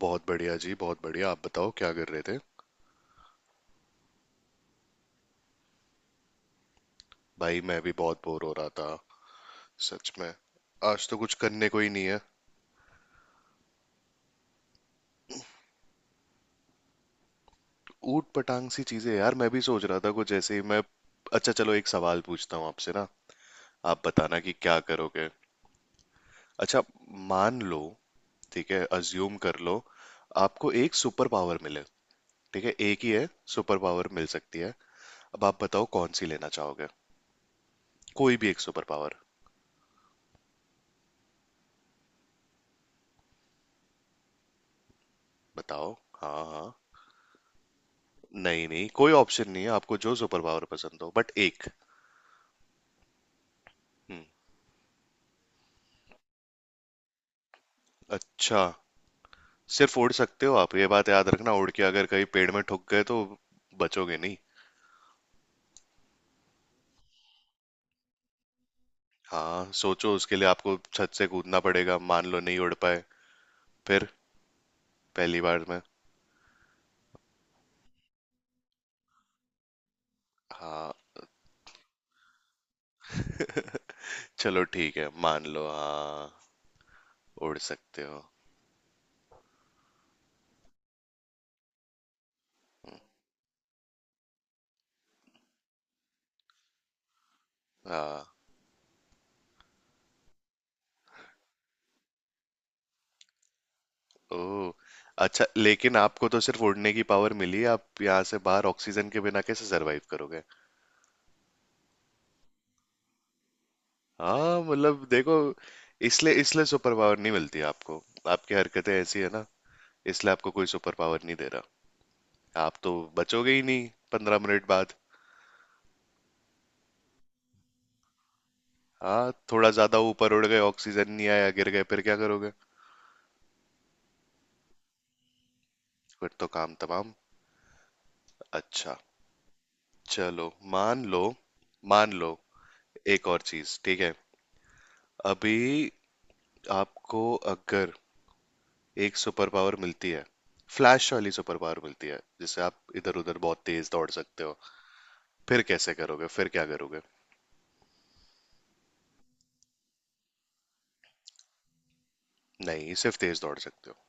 बहुत बढ़िया जी, बहुत बढ़िया। आप बताओ क्या कर रहे थे। भाई मैं भी बहुत बोर हो रहा था। सच में आज तो कुछ करने को ही नहीं है। ऊट पटांग सी चीजें यार, मैं भी सोच रहा था कुछ ऐसे ही। मैं अच्छा चलो एक सवाल पूछता हूँ आपसे ना, आप बताना कि क्या करोगे। अच्छा, मान लो, ठीक है अज्यूम कर लो, आपको एक सुपर पावर मिले। ठीक है, एक ही है सुपर पावर मिल सकती है, अब आप बताओ कौन सी लेना चाहोगे। कोई भी एक सुपर पावर बताओ। हाँ हाँ। नहीं नहीं, कोई ऑप्शन नहीं है, आपको जो सुपर पावर पसंद हो बट एक। हम्म। अच्छा, सिर्फ उड़ सकते हो आप, ये बात याद रखना, उड़ के अगर कहीं पेड़ में ठुक गए तो बचोगे नहीं। हाँ सोचो, उसके लिए आपको छत से कूदना पड़ेगा, मान लो नहीं उड़ पाए फिर, पहली बार में। हाँ चलो ठीक है, मान लो हाँ उड़ सकते हो। हाँ। ओ अच्छा, लेकिन आपको तो सिर्फ उड़ने की पावर मिली है, आप यहाँ से बाहर ऑक्सीजन के बिना कैसे सरवाइव करोगे। हाँ मतलब देखो, इसलिए इसलिए सुपर पावर नहीं मिलती आपको। आपकी हरकतें ऐसी है ना, इसलिए आपको कोई सुपर पावर नहीं दे रहा। आप तो बचोगे ही नहीं 15 मिनट बाद। हाँ थोड़ा ज्यादा ऊपर उड़ गए, ऑक्सीजन नहीं आया, गिर गए, फिर क्या करोगे। फिर तो काम तमाम। अच्छा चलो मान लो, मान लो एक और चीज, ठीक है अभी आपको अगर एक सुपर पावर मिलती है, फ्लैश वाली सुपर पावर मिलती है जिससे आप इधर उधर बहुत तेज दौड़ सकते हो, फिर कैसे करोगे, फिर क्या करोगे। नहीं सिर्फ तेज दौड़ सकते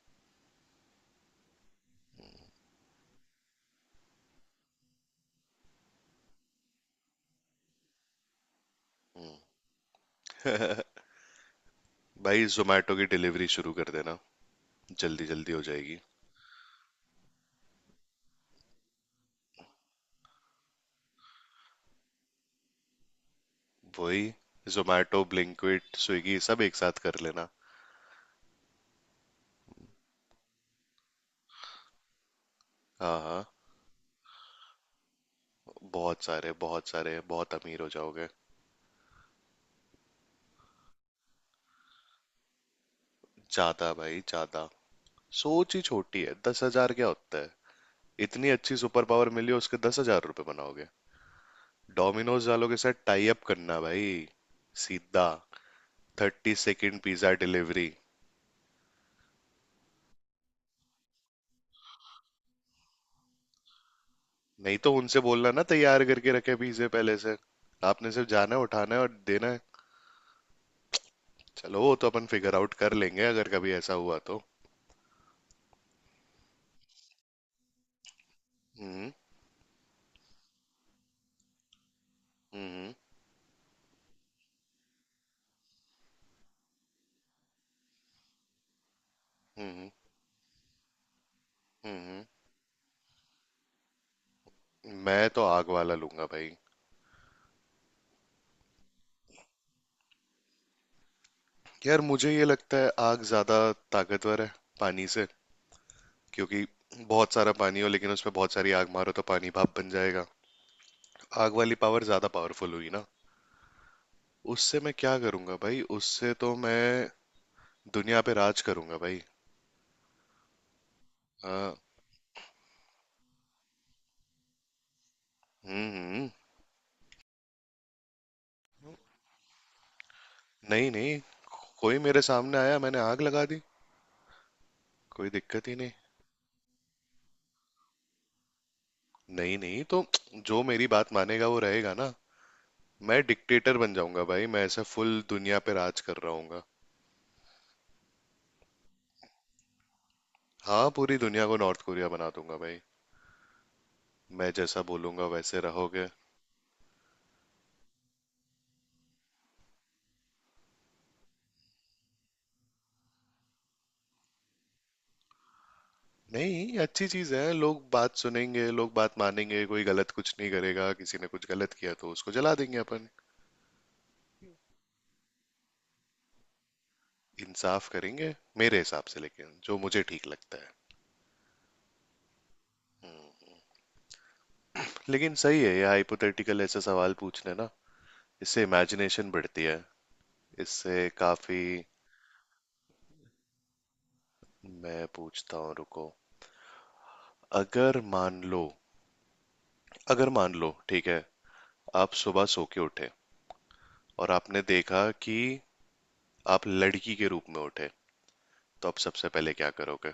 हो भाई, जोमेटो की डिलीवरी शुरू कर देना, जल्दी जल्दी हो जाएगी। वही, जोमेटो ब्लिंकिट स्विगी सब एक साथ कर लेना। हाँ हाँ। बहुत सारे बहुत सारे, बहुत अमीर हो जाओगे। ज्यादा भाई ज्यादा, सोच ही छोटी है, 10 हज़ार क्या होता है। इतनी अच्छी सुपर पावर मिली उसके 10 हज़ार रुपये बनाओगे। डोमिनोज वालों के साथ टाई अप करना भाई, सीधा 30 सेकंड पिज्जा डिलीवरी। नहीं तो उनसे बोलना ना, तैयार करके रखे पिज्जे पहले से, आपने सिर्फ जाना है, उठाना है और देना है। चलो वो तो अपन फिगर आउट कर लेंगे अगर कभी ऐसा हुआ तो। हम्म हम्म हम्म हम्म। मैं तो आग वाला लूंगा भाई। यार मुझे ये लगता है आग ज्यादा ताकतवर है पानी से, क्योंकि बहुत सारा पानी हो लेकिन उसमें बहुत सारी आग मारो तो पानी भाप बन जाएगा। आग वाली पावर ज्यादा पावरफुल हुई ना। उससे मैं क्या करूंगा भाई, उससे तो मैं दुनिया पे राज करूंगा भाई। हाँ। हम्म। नहीं नहीं, कोई मेरे सामने आया मैंने आग लगा दी, कोई दिक्कत ही नहीं। नहीं नहीं तो, जो मेरी बात मानेगा वो रहेगा ना। मैं डिक्टेटर बन जाऊंगा भाई, मैं ऐसा फुल दुनिया पे राज कर रहा हूँ। हाँ पूरी दुनिया को नॉर्थ कोरिया बना दूंगा भाई, मैं जैसा बोलूंगा वैसे रहोगे। नहीं अच्छी चीज है, लोग बात सुनेंगे, लोग बात मानेंगे, कोई गलत कुछ नहीं करेगा, किसी ने कुछ गलत किया तो उसको जला देंगे अपन। इंसाफ करेंगे मेरे हिसाब से, लेकिन जो मुझे ठीक लगता है। लेकिन सही है ये, हाइपोथेटिकल ऐसा सवाल पूछने ना, इससे इमेजिनेशन बढ़ती है, इससे काफी। मैं पूछता हूँ रुको, अगर मान लो अगर मान लो ठीक है, आप सुबह सो के उठे और आपने देखा कि आप लड़की के रूप में उठे, तो आप सबसे पहले क्या करोगे।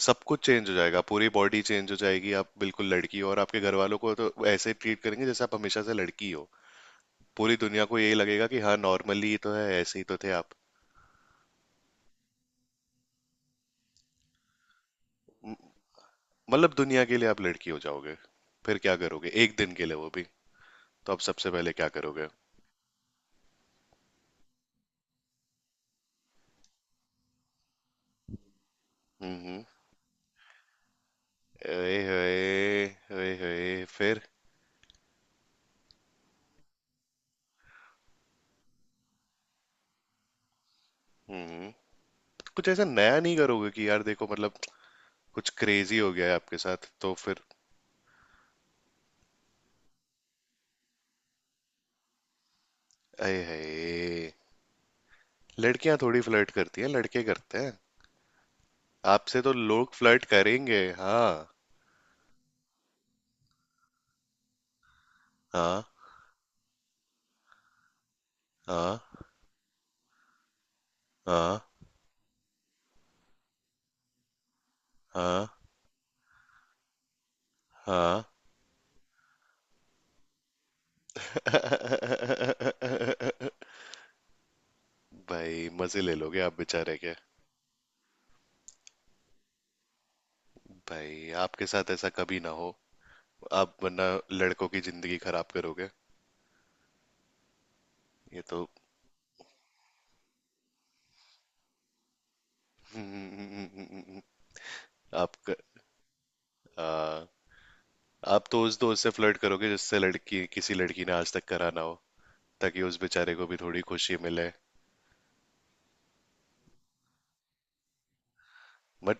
सब कुछ चेंज हो जाएगा, पूरी बॉडी चेंज हो जाएगी, आप बिल्कुल लड़की हो और आपके घर वालों को तो ऐसे ही ट्रीट करेंगे जैसे आप हमेशा से लड़की हो। पूरी दुनिया को यही लगेगा कि हाँ नॉर्मली ही तो है, ऐसे ही तो थे आप। म- मतलब दुनिया के लिए आप लड़की हो जाओगे, फिर क्या करोगे, एक दिन के लिए, वो भी, तो अब सबसे पहले क्या करोगे। हम्म। ओए होए, ओए होए फिर। हम्म। कुछ ऐसा नया नहीं करोगे कि यार देखो, मतलब कुछ क्रेजी हो गया है आपके साथ, तो फिर? अये हये, लड़कियां थोड़ी फ्लर्ट करती हैं, लड़के करते हैं, आपसे तो लोग फ्लर्ट करेंगे। हाँ हाँ हाँ हाँ हाँ हाँ। भाई मजे ले लोगे आप बेचारे के। भाई आपके साथ ऐसा कभी ना हो, आप वरना लड़कों की जिंदगी खराब करोगे, ये तो। हम्म। आप क- आ, आप तो उस दोस्त से फ्लर्ट करोगे जिससे लड़की, किसी लड़की ने आज तक करा ना हो, ताकि उस बेचारे को भी थोड़ी खुशी मिले। बट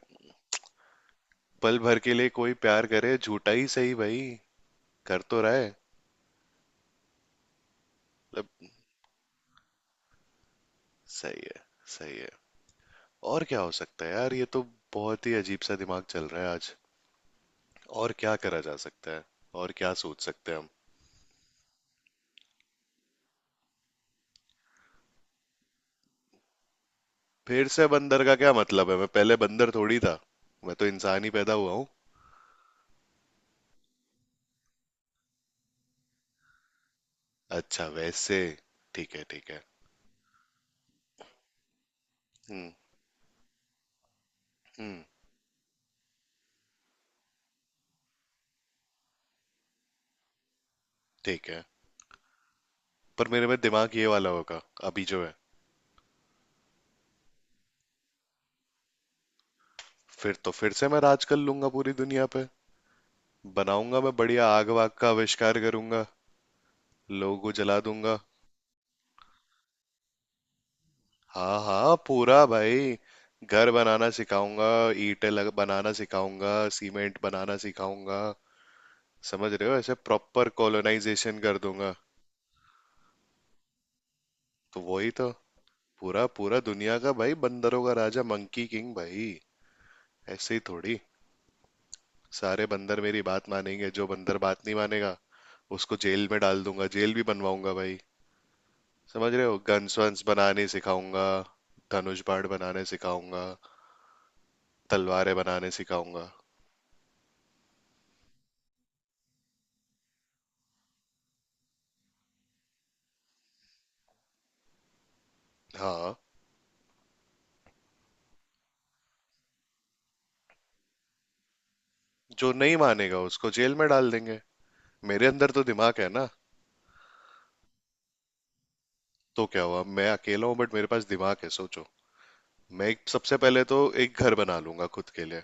पल भर के लिए कोई प्यार करे, झूठा ही सही भाई, कर तो रहा है मतलब। सही है, सही है, और क्या हो सकता है यार, ये तो बहुत ही अजीब सा दिमाग चल रहा है आज, और क्या करा जा सकता है, और क्या सोच सकते हैं हम। फिर से बंदर का क्या मतलब है, मैं पहले बंदर थोड़ी था। मैं तो इंसान ही पैदा हुआ हूँ। अच्छा वैसे, ठीक है ठीक है। हम्म हम्म। ठीक है, पर मेरे में दिमाग ये वाला होगा अभी जो है। फिर तो फिर से मैं राज कर लूंगा पूरी दुनिया पे, बनाऊंगा मैं बढ़िया आग वाग का आविष्कार करूंगा, लोगों को जला दूंगा। हाँ हाँ पूरा भाई, घर बनाना सिखाऊंगा, ईंटें लग बनाना सिखाऊंगा, सीमेंट बनाना सिखाऊंगा, समझ रहे हो, ऐसे प्रॉपर कॉलोनाइजेशन कर दूंगा। तो वही तो, पूरा पूरा दुनिया का भाई, बंदरों का राजा, मंकी किंग भाई। ऐसे ही थोड़ी, सारे बंदर मेरी बात मानेंगे, जो बंदर बात नहीं मानेगा उसको जेल में डाल दूंगा, जेल भी बनवाऊंगा भाई, समझ रहे हो, गन्स वन्स बनाने सिखाऊंगा, धनुष बाण बनाने सिखाऊंगा, तलवारें बनाने सिखाऊंगा। हाँ, जो नहीं मानेगा उसको जेल में डाल देंगे, मेरे अंदर तो दिमाग है ना। तो क्या हुआ मैं अकेला हूँ, बट मेरे पास दिमाग है, सोचो। सबसे पहले तो एक घर बना लूंगा खुद के लिए,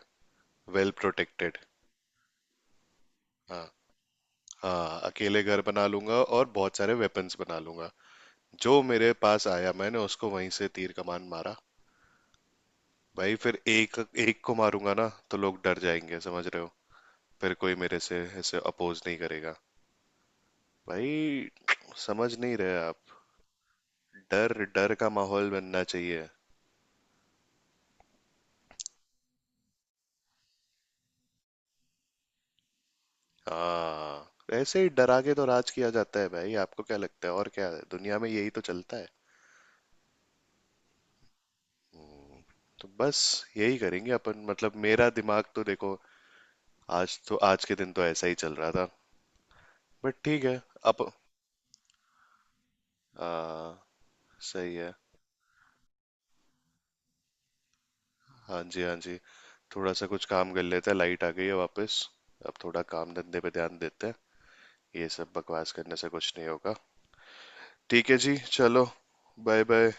वेल प्रोटेक्टेड। हाँ, हाँ अकेले घर बना लूंगा और बहुत सारे वेपन्स बना लूंगा, जो मेरे पास आया मैंने उसको वहीं से तीर कमान मारा। भाई फिर, एक एक को मारूंगा ना तो लोग डर जाएंगे, समझ रहे हो, फिर कोई मेरे से ऐसे अपोज नहीं करेगा भाई, समझ नहीं रहे आप। डर डर का माहौल बनना चाहिए। हाँ ऐसे ही डरा के तो राज किया जाता है भाई, आपको क्या लगता है, और क्या है दुनिया में, यही तो चलता है। तो बस, यही करेंगे अपन, मतलब मेरा दिमाग तो देखो, आज तो, आज के दिन तो ऐसा ही चल रहा था, बट ठीक है अब। हाँ सही है। हाँ जी, हाँ जी, थोड़ा सा कुछ काम कर लेते हैं, लाइट आ गई है वापस, अब थोड़ा काम धंधे पे ध्यान देते हैं। ये सब बकवास करने से कुछ नहीं होगा। ठीक है जी, चलो। Bye bye.